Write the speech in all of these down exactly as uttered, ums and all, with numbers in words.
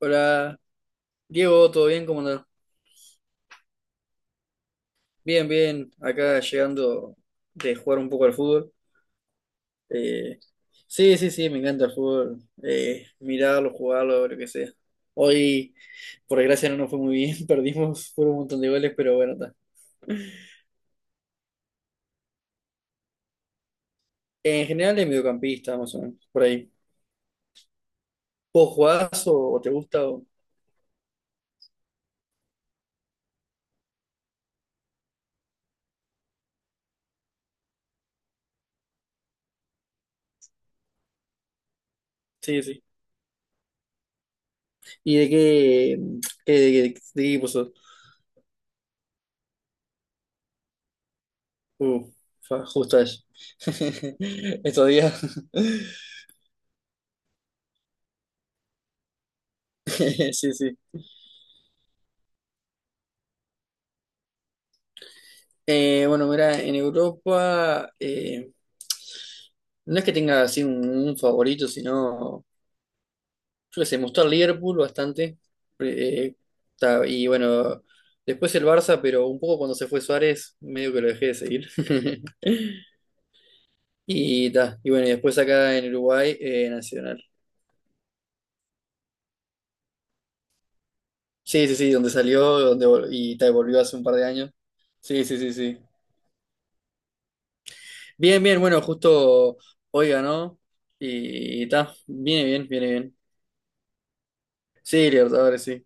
Hola, Diego, ¿todo bien? ¿Cómo andás? Bien, bien, acá llegando de jugar un poco al fútbol. Eh, sí, sí, sí, me encanta el fútbol. Eh, mirarlo, jugarlo, lo que sea. Hoy, por desgracia, no nos fue muy bien, perdimos, fueron un montón de goles, pero bueno, está. En general es mediocampista, más o menos, por ahí. ¿Vos jugás o, o te gusta? o- Sí, sí. ¿Y de qué, qué- de, qué de qué equipo sos? Uh, fa- justo eso. Estos días. Sí, sí. Eh, bueno, mira, en Europa eh, no es que tenga así un, un favorito, sino, yo qué sé, me gustó el Liverpool bastante. Eh, ta- y bueno, después el Barça, pero un poco cuando se fue Suárez, medio que lo dejé de seguir. Y, ta, y bueno, y después acá en Uruguay, eh, Nacional. Sí, sí, sí, donde salió donde, vol- y ta, volvió hace un par de años. Sí, sí, sí, sí. Bien, bien, bueno, justo hoy ganó. Y, y ta, viene bien, viene bien. Sí, Libertadores, sí.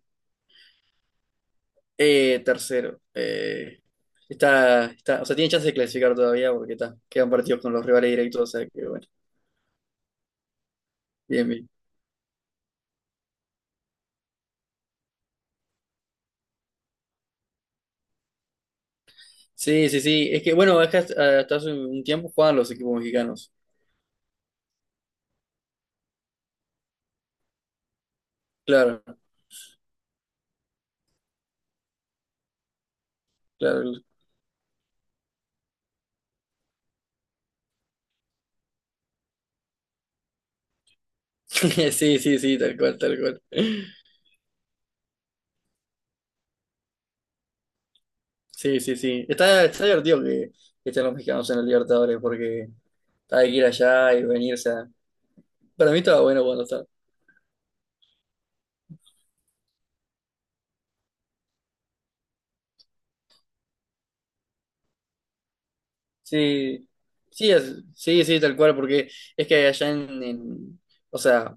Eh, tercero. Eh, está, está, o sea, tiene chance de clasificar todavía porque está, quedan partidos con los rivales directos, o sea que bueno, bien, bien. Sí, sí, sí. Es que bueno, es que hasta, hasta hace un tiempo jugaban los equipos mexicanos. Claro, claro. Sí, sí, sí, tal cual, tal cual. Sí, sí, sí. Está, está divertido que, que estén los mexicanos en el Libertadores porque hay que ir allá y venirse. Para mí estaba bueno cuando sí, sí, es- sí, sí, tal cual, porque es que allá en, en- o sea,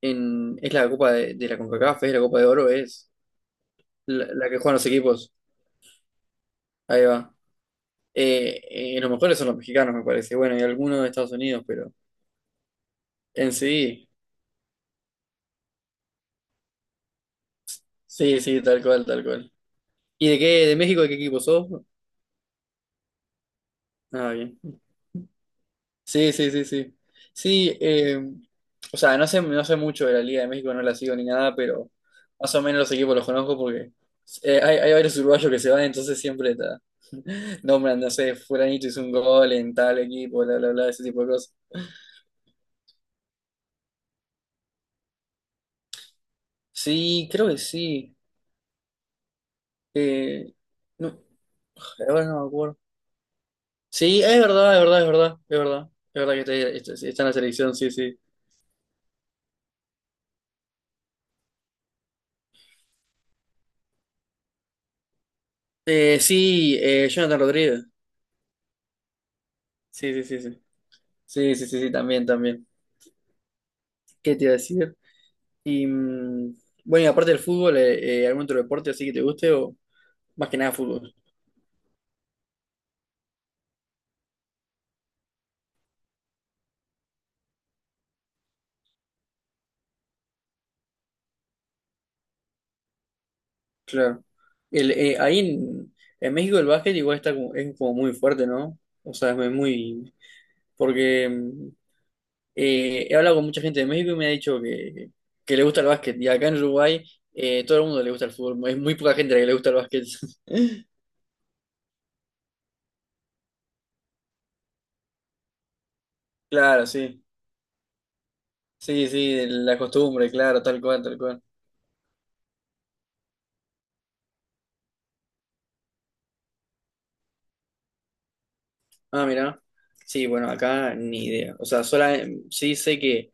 en, es la Copa de, de la CONCACAF, es la Copa de Oro, es la, la que juegan los equipos, ahí va. Eh, eh, los mejores son los mexicanos, me parece, bueno, y algunos de Estados Unidos, pero en sí, sí, sí, tal cual, tal cual. ¿Y de qué, de México, de qué equipo sos? Ah, bien. Sí, sí, sí, sí. Sí, eh, o sea, no sé, no sé mucho de la Liga de México, no la sigo ni nada, pero más o menos los equipos los conozco porque eh, hay, hay varios uruguayos que se van, entonces siempre ta, nombran, no sé, fulanito hizo un gol en tal equipo, bla, bla, bla, ese tipo de cosas. Sí, creo que sí. Eh, no, ahora no me acuerdo. Sí, es verdad, es verdad, es verdad, es verdad. Es verdad que está, está- está en la selección, sí, sí. Eh, sí, eh, Jonathan Rodríguez. Sí, sí, sí, sí. Sí, sí, sí, sí, también, también. ¿Qué te iba a decir? Y mm, bueno, y aparte del fútbol, eh, eh, ¿algún otro deporte así que te guste o más que nada fútbol? Claro. El, eh, ahí en, en México el básquet igual está como, es como muy fuerte, ¿no? O sea, es muy... Porque mm, eh, he hablado con mucha gente de México y me ha dicho que, que le gusta el básquet. Y acá en Uruguay eh, todo el mundo le gusta el fútbol. Es muy poca gente a la que le gusta el básquet. Claro, sí. Sí, sí, la costumbre, claro, tal cual, tal cual. Ah, mira. Sí, bueno, acá ni idea. O sea, sola, sí sé que,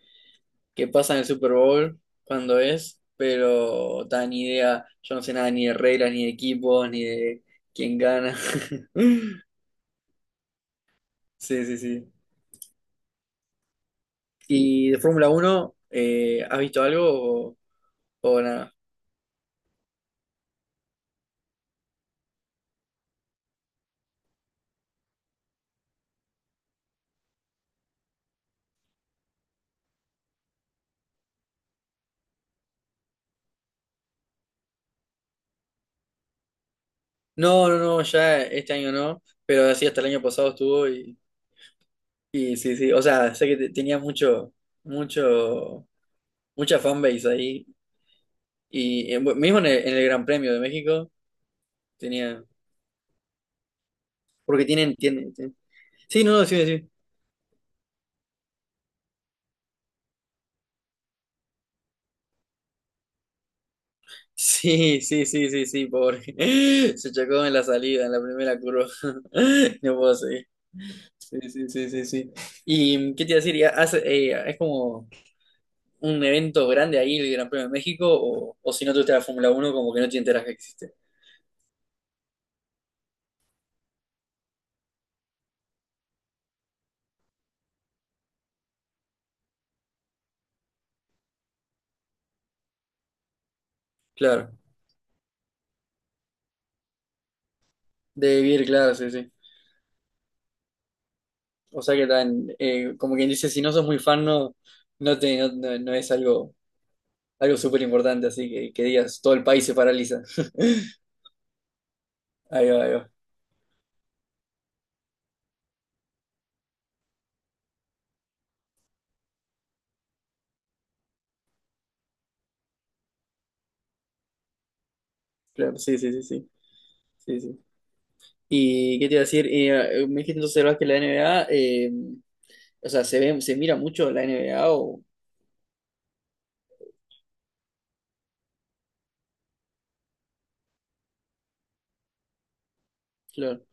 que pasa en el Super Bowl cuando es, pero tan ni idea. Yo no sé nada ni de reglas, ni de equipos, ni de quién gana. Sí, sí, sí. ¿Y de Fórmula Uno, eh, has visto algo o, o nada? No, no, no, ya este año no, pero sí, hasta el año pasado estuvo y, y sí, sí. O sea, sé que te- tenía mucho, mucho, mucha fanbase ahí. Y eh, bueno, mismo en el, en el Gran Premio de México tenía. Porque tienen. tienen, tienen- sí, no, no, sí, sí. Sí, sí, sí, sí, sí, pobre. Se chocó en la salida, en la primera curva. No puedo seguir. Sí, sí, sí, sí, sí. ¿Y qué te iba a decir? ¿Y hace- eh, es como un evento grande ahí el Gran Premio de México? ¿O, o si no te gusta la Fórmula Uno como que no te enteras que existe? Claro. De vivir, claro, sí, sí. O sea que tan, eh, como quien dice, si no sos muy fan, no, no, te, no, no, no es algo algo súper importante, así que, que digas, todo el país se paraliza. Ahí va, ahí va. Claro, sí, sí, sí, sí, sí, sí. ¿Y qué te iba a decir? Y, eh, me dijiste entonces, ¿verdad? Que la N B A, eh, o sea, se ve, se mira mucho la N B A o... Claro,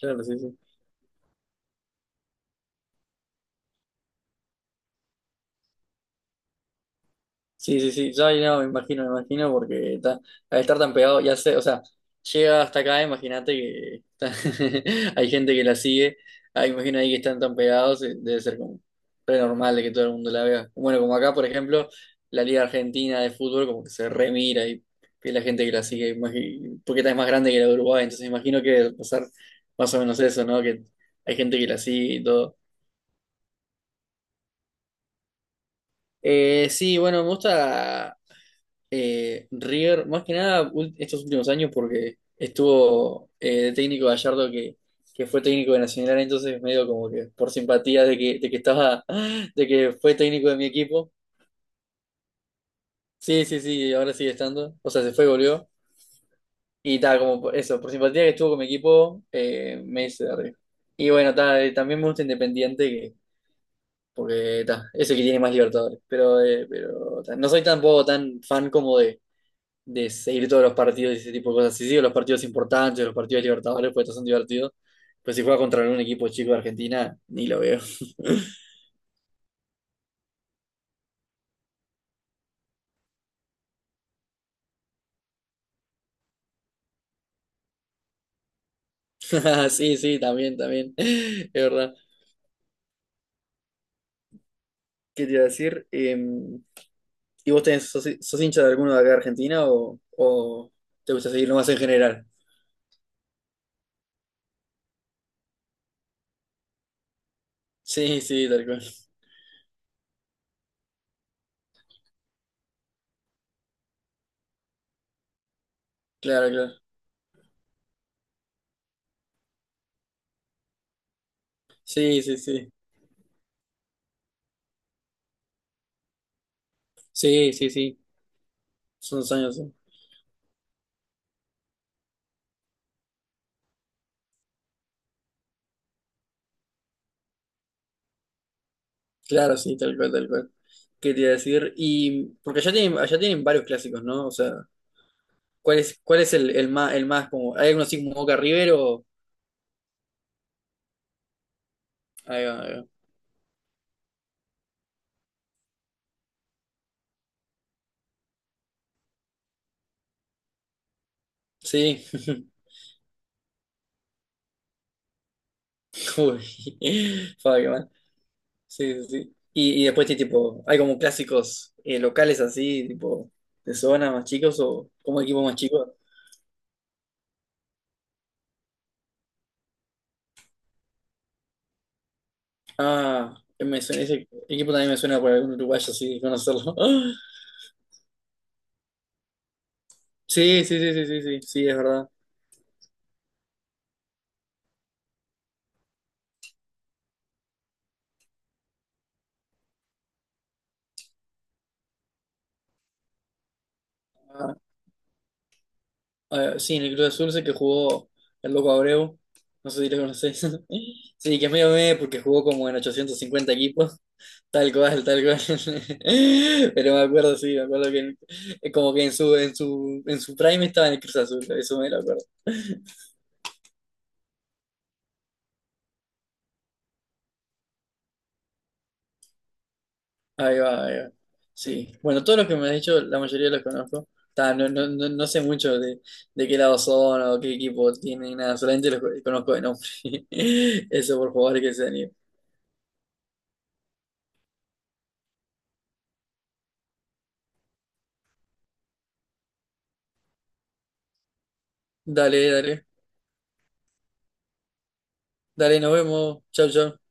claro, sí, sí. Sí, sí, sí, ya no, me imagino, me imagino, porque ta- al estar tan pegado, ya sé, o sea, llega hasta acá, imagínate que ta- hay gente que la sigue, ah, imagino ahí que están tan pegados, eh, debe ser como re normal de que todo el mundo la vea. Bueno, como acá, por ejemplo, la Liga Argentina de Fútbol como que se remira y que la gente que la sigue, imagi- porque esta es más grande que la de Uruguay, entonces imagino que debe pasar más o menos eso, ¿no? Que hay gente que la sigue y todo. Eh, sí, bueno, me gusta. Eh, River, más que nada ul- estos últimos años, porque estuvo eh, de técnico Gallardo que, que fue técnico de Nacional, entonces medio como que por simpatía de que, de que estaba, de que fue técnico de mi equipo. Sí, sí, sí, ahora sigue estando. O sea, se fue, volvió. Y tal, como por- eso, por simpatía que estuvo con mi equipo, eh, me hice de River. Y bueno, ta, eh, también me gusta Independiente, que, porque ta, es el que tiene más Libertadores. Pero, eh, pero ta, no soy tampoco tan fan como de de seguir todos los partidos y ese tipo de cosas. Si sigo los partidos importantes, los partidos libertadores, pues estos son divertidos. Pero si juega contra un equipo chico de Argentina, ni lo veo. Sí, sí, también, también. Es verdad. ¿Qué te iba a decir? Eh, ¿y vos tenés, sos, sos hincha de alguno de acá de Argentina o, o te gusta seguirlo más en general? Sí, sí, tal cual. Claro, claro. Sí, sí, sí. Sí, sí, sí. Son dos años, sí. Claro, sí, tal cual, tal cual. ¿Qué te iba a decir? Y porque allá tienen, allá tienen varios clásicos, ¿no? O sea, ¿cuál es, cuál es el, el más, el más como, hay algunos así como Boca River o, ahí va, ahí va. Sí, uy, Fabio, qué mal. Sí, sí, sí. Y, y después sí, tipo, hay como clásicos eh, locales así, tipo, de zona más chicos o como equipos más chicos. Ah, me suena- ese equipo también me suena por algún uruguayo así, de conocerlo. Sí, sí, sí, sí, sí, sí, sí, es verdad. Ah, ah, sí, en el Club Azul sé que jugó el Loco Abreu, no sé si lo conocés. Sí, que es medio meh porque jugó como en ochocientos cincuenta equipos. Tal cual, tal cual. Pero me acuerdo, sí, me acuerdo que en- eh, como que en su, en su, en su prime estaba en el Cruz Azul, eso me lo acuerdo. Ahí va, ahí va. Sí. Bueno, todos los que me has dicho, la mayoría los conozco. Ta, no, no, no, no sé mucho de, de qué lado son o qué equipo tienen, ni nada, solamente los conozco de nombre. Eso por favor que se anime. Dale, dale. Dale, nos vemos. Chau, chau.